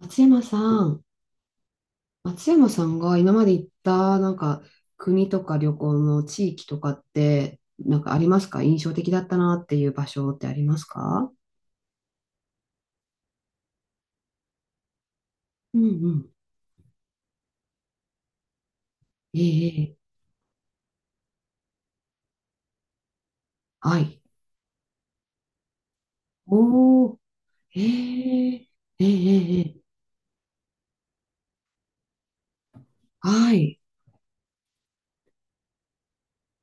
松山さん、松山さんが今まで行ったなんか国とか旅行の地域とかってなんかありますか？印象的だったなっていう場所ってありますか？うんうん。ええ、ええ、はい。おー、ええ、ええ、ええ、はい。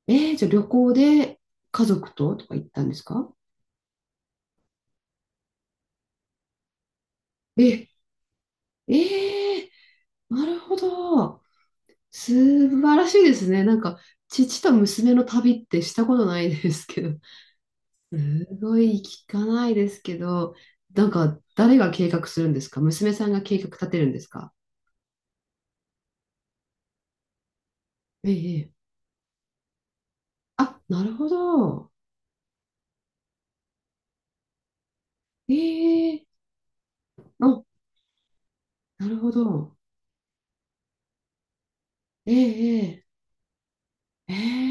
ええ、じゃあ旅行で家族ととか行ったんですか？え、ええ、なるほど。素晴らしいですね。なんか父と娘の旅ってしたことないですけど。すごい聞かないですけど、なんか誰が計画するんですか？娘さんが計画立てるんですか？ええ。ええ、あ、なるほど。ええ。あ、なるほど。ええ。ええ。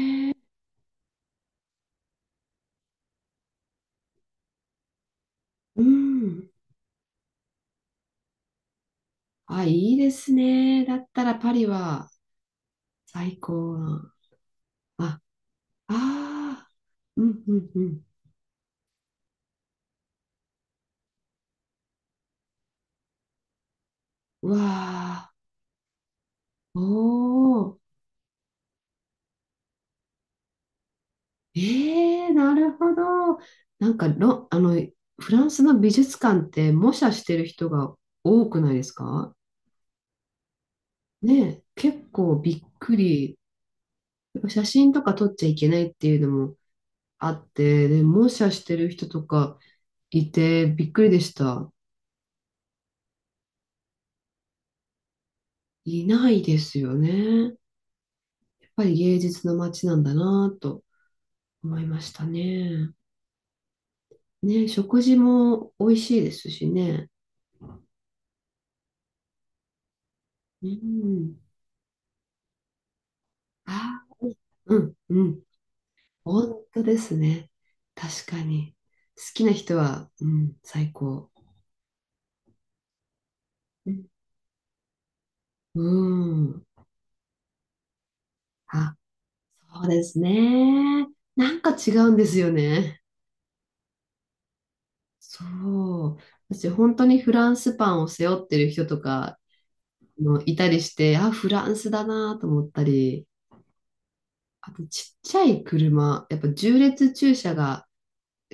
ええ、うん。あ、いいですね。だったらパリは最高な。あ、ああ。うんうんうん。うわあ。おお。ええ、なるほど。なんかロ、フランスの美術館って模写してる人が多くないですか？ねえ、結構びっくり。やっぱ写真とか撮っちゃいけないっていうのもあって、で、模写してる人とかいてびっくりでした。いないですよね。やっぱり芸術の街なんだなぁと思いましたね。ねえ、食事も美味しいですしね。うん。ああ、うん、うん。本当ですね。確かに。好きな人は、うん、最高。うん。うん、あ、そうですね。なんか違うんですよね。そう。私、本当にフランスパンを背負ってる人とかのいたりして、あ、フランスだなと思ったり、あと、ちっちゃい車、やっぱ縦列駐車が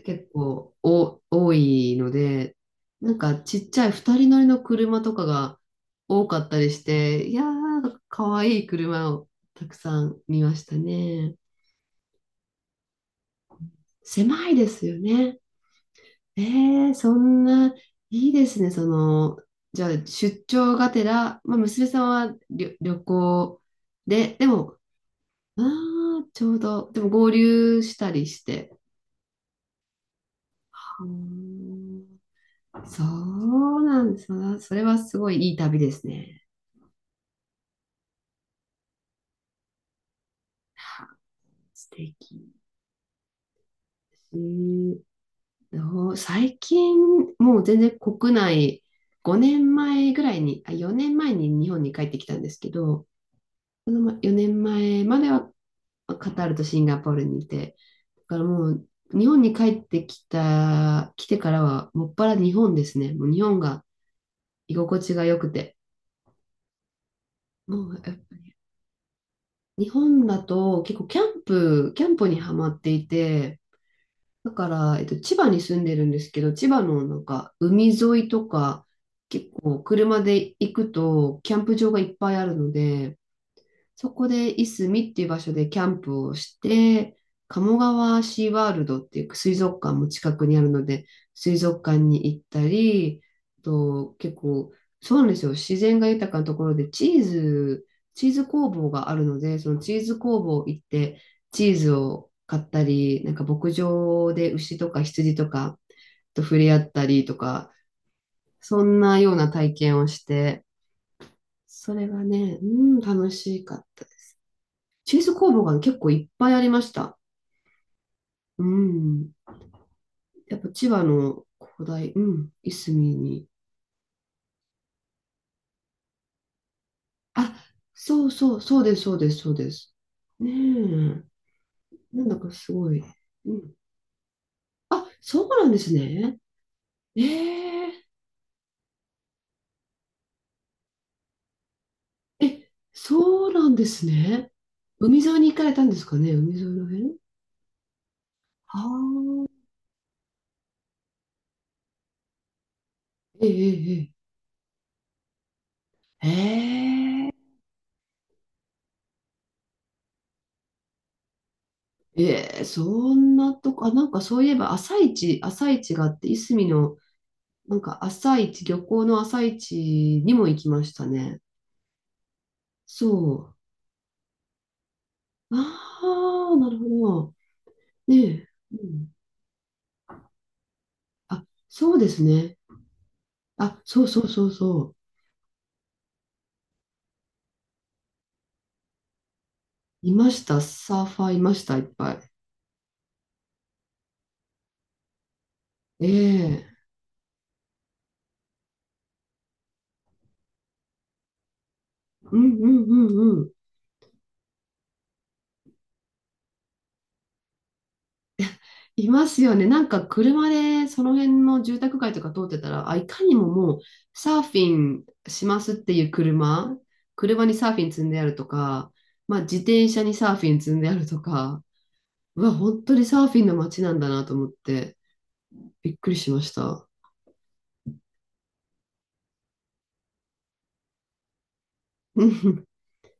結構お多いので、なんかちっちゃい二人乗りの車とかが多かったりして、いやー、かわいい車をたくさん見ましたね。狭いですよね。えそんな、いいですね。その、じゃあ出張がてら、まあ、娘さんは旅、旅行で、でも、ああちょうど、でも合流したりして。はー、そうなんです。それはすごいいい旅ですね。はあ、素敵。えーどう最近、もう全然国内、5年前ぐらいに、あ、4年前に日本に帰ってきたんですけど、その4年前まではカタールとシンガポールにいて、だからもう日本に帰ってきた、来てからはもっぱら日本ですね。もう日本が居心地が良くて。もうやっぱり日本だと結構キャンプにはまっていて、だから、千葉に住んでるんですけど、千葉のなんか海沿いとか、結構車で行くとキャンプ場がいっぱいあるので、そこでいすみっていう場所でキャンプをして、鴨川シーワールドっていう水族館も近くにあるので、水族館に行ったり、と結構、そうなんですよ。自然が豊かなところでチーズ工房があるので、そのチーズ工房行って、チーズを買ったり、なんか牧場で牛とか羊とかと触れ合ったりとか、そんなような体験をして、それがね、うん、楽しかった。チーズ工房が結構いっぱいありました。うん。やっぱ千葉の広大、うん、いすみに。あ、そうそう、そうです、そうです、そうです。ねえ、なんだかすごい。うん。あ、そうなんですね。え、ええ、そうなんですね。海沿いに行かれたんですかね、海沿いの辺は。あ、ええええ、ええええ、そんなとこ、あ、なんかそういえば朝市があって、いすみのなんか朝一、漁港の朝一にも行きましたね。そう。ああ、なるほど。ねえ。うん。あ、そうですね。あ、そうそうそうそう。いました。サーファーいました、いっぱい。ええ。うんうんうんうん。いますよね。なんか車でその辺の住宅街とか通ってたら、あ、いかにももうサーフィンしますっていう車、車にサーフィン積んであるとか、まあ自転車にサーフィン積んであるとか、うわ、本当にサーフィンの街なんだなと思って、びっくりしました。うん、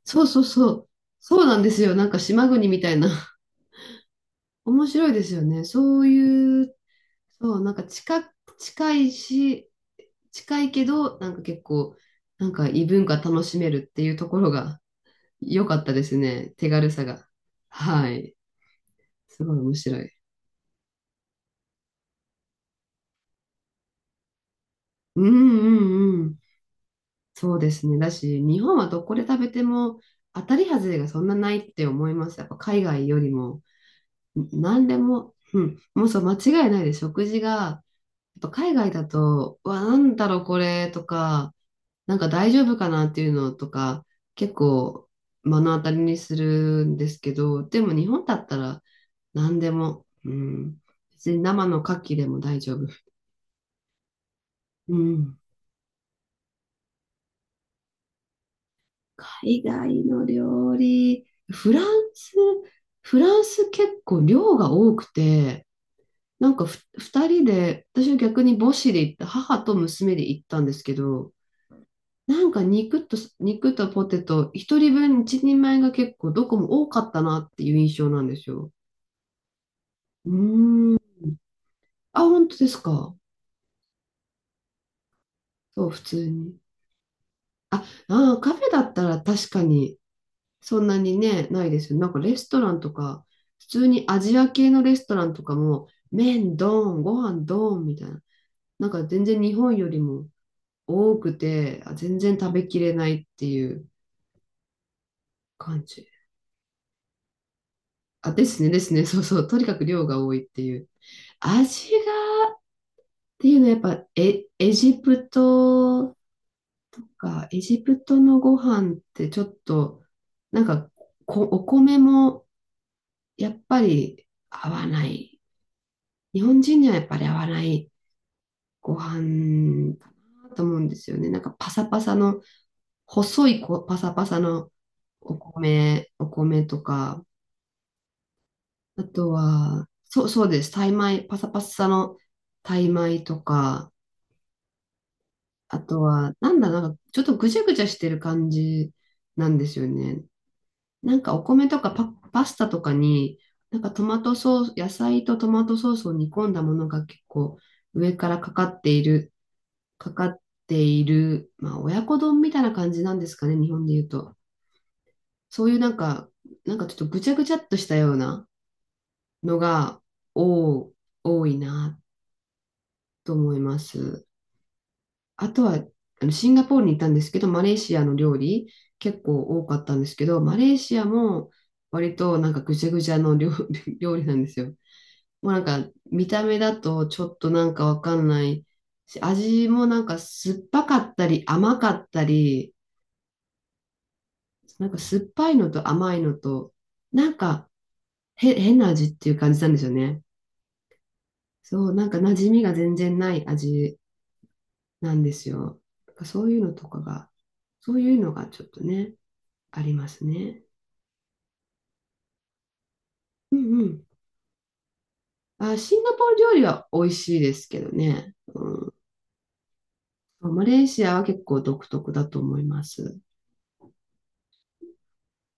そうそうそう。そうなんですよ。なんか島国みたいな。面白いですよね。そういう、そう、なんか近、近いし、近いけど、なんか結構、なんか異文化楽しめるっていうところが良かったですね。手軽さが。はい。すごい面白い。うんうんうん。そうですね。だし、日本はどこで食べても当たり外れがそんなないって思います。やっぱ海外よりも。何でも、うん、もうそう、間違いないです。食事が、やっぱ海外だと、うわ、なんだろうこれとか、なんか大丈夫かなっていうのとか、結構目の当たりにするんですけど、でも日本だったら何でも、うん、別に生の牡蠣でも大丈夫。うん、海外の料理、フランス、フランス結構量が多くて、なんかふ2人で、私は逆に母子で行った、母と娘で行ったんですけど、なんか肉とポテト、1人分1人前が結構どこも多かったなっていう印象なんですよ。うーん。あ、本当ですか。そう、普通に。あ、あー、カフェだったら確かにそんなにね、ないですよね。なんかレストランとか、普通にアジア系のレストランとかも、麺ドーン、ご飯ドーンみたいな。なんか全然日本よりも多くて、あ全然食べきれないっていう感じ。あ、ですね、ですね、そうそう、とにかく量が多いっていう。味がっていうのはやっぱエジプトとか、エジプトのご飯ってちょっと、なんかこ、お米もやっぱり合わない。日本人にはやっぱり合わないご飯かなと思うんですよね。なんかパサパサの、細いこパサパサのお米とか、あとは、そう、そうです。タイ米、パサパサのタイ米とか、あとは、なんだ、なんか、ちょっとぐちゃぐちゃしてる感じなんですよね。なんか、お米とかパスタとかに、なんかトマトソース、野菜とトマトソースを煮込んだものが結構上からかかっている、まあ、親子丼みたいな感じなんですかね、日本で言うと。そういうなんか、なんかちょっとぐちゃぐちゃっとしたようなのが、多多いなと思います。あとは、あのシンガポールに行ったんですけど、マレーシアの料理結構多かったんですけど、マレーシアも割となんかぐちゃぐちゃの料、料理なんですよ。もうなんか見た目だとちょっとなんかわかんないし、味もなんか酸っぱかったり甘かったり、なんか酸っぱいのと甘いのと、なんか変な味っていう感じなんですよね。そう、なんか馴染みが全然ない味なんですよ。なんかそういうのとかが、そういうのがちょっとね、ありますね。うんうん。あ、シンガポール料理は美味しいですけどね。うん、マレーシアは結構独特だと思います。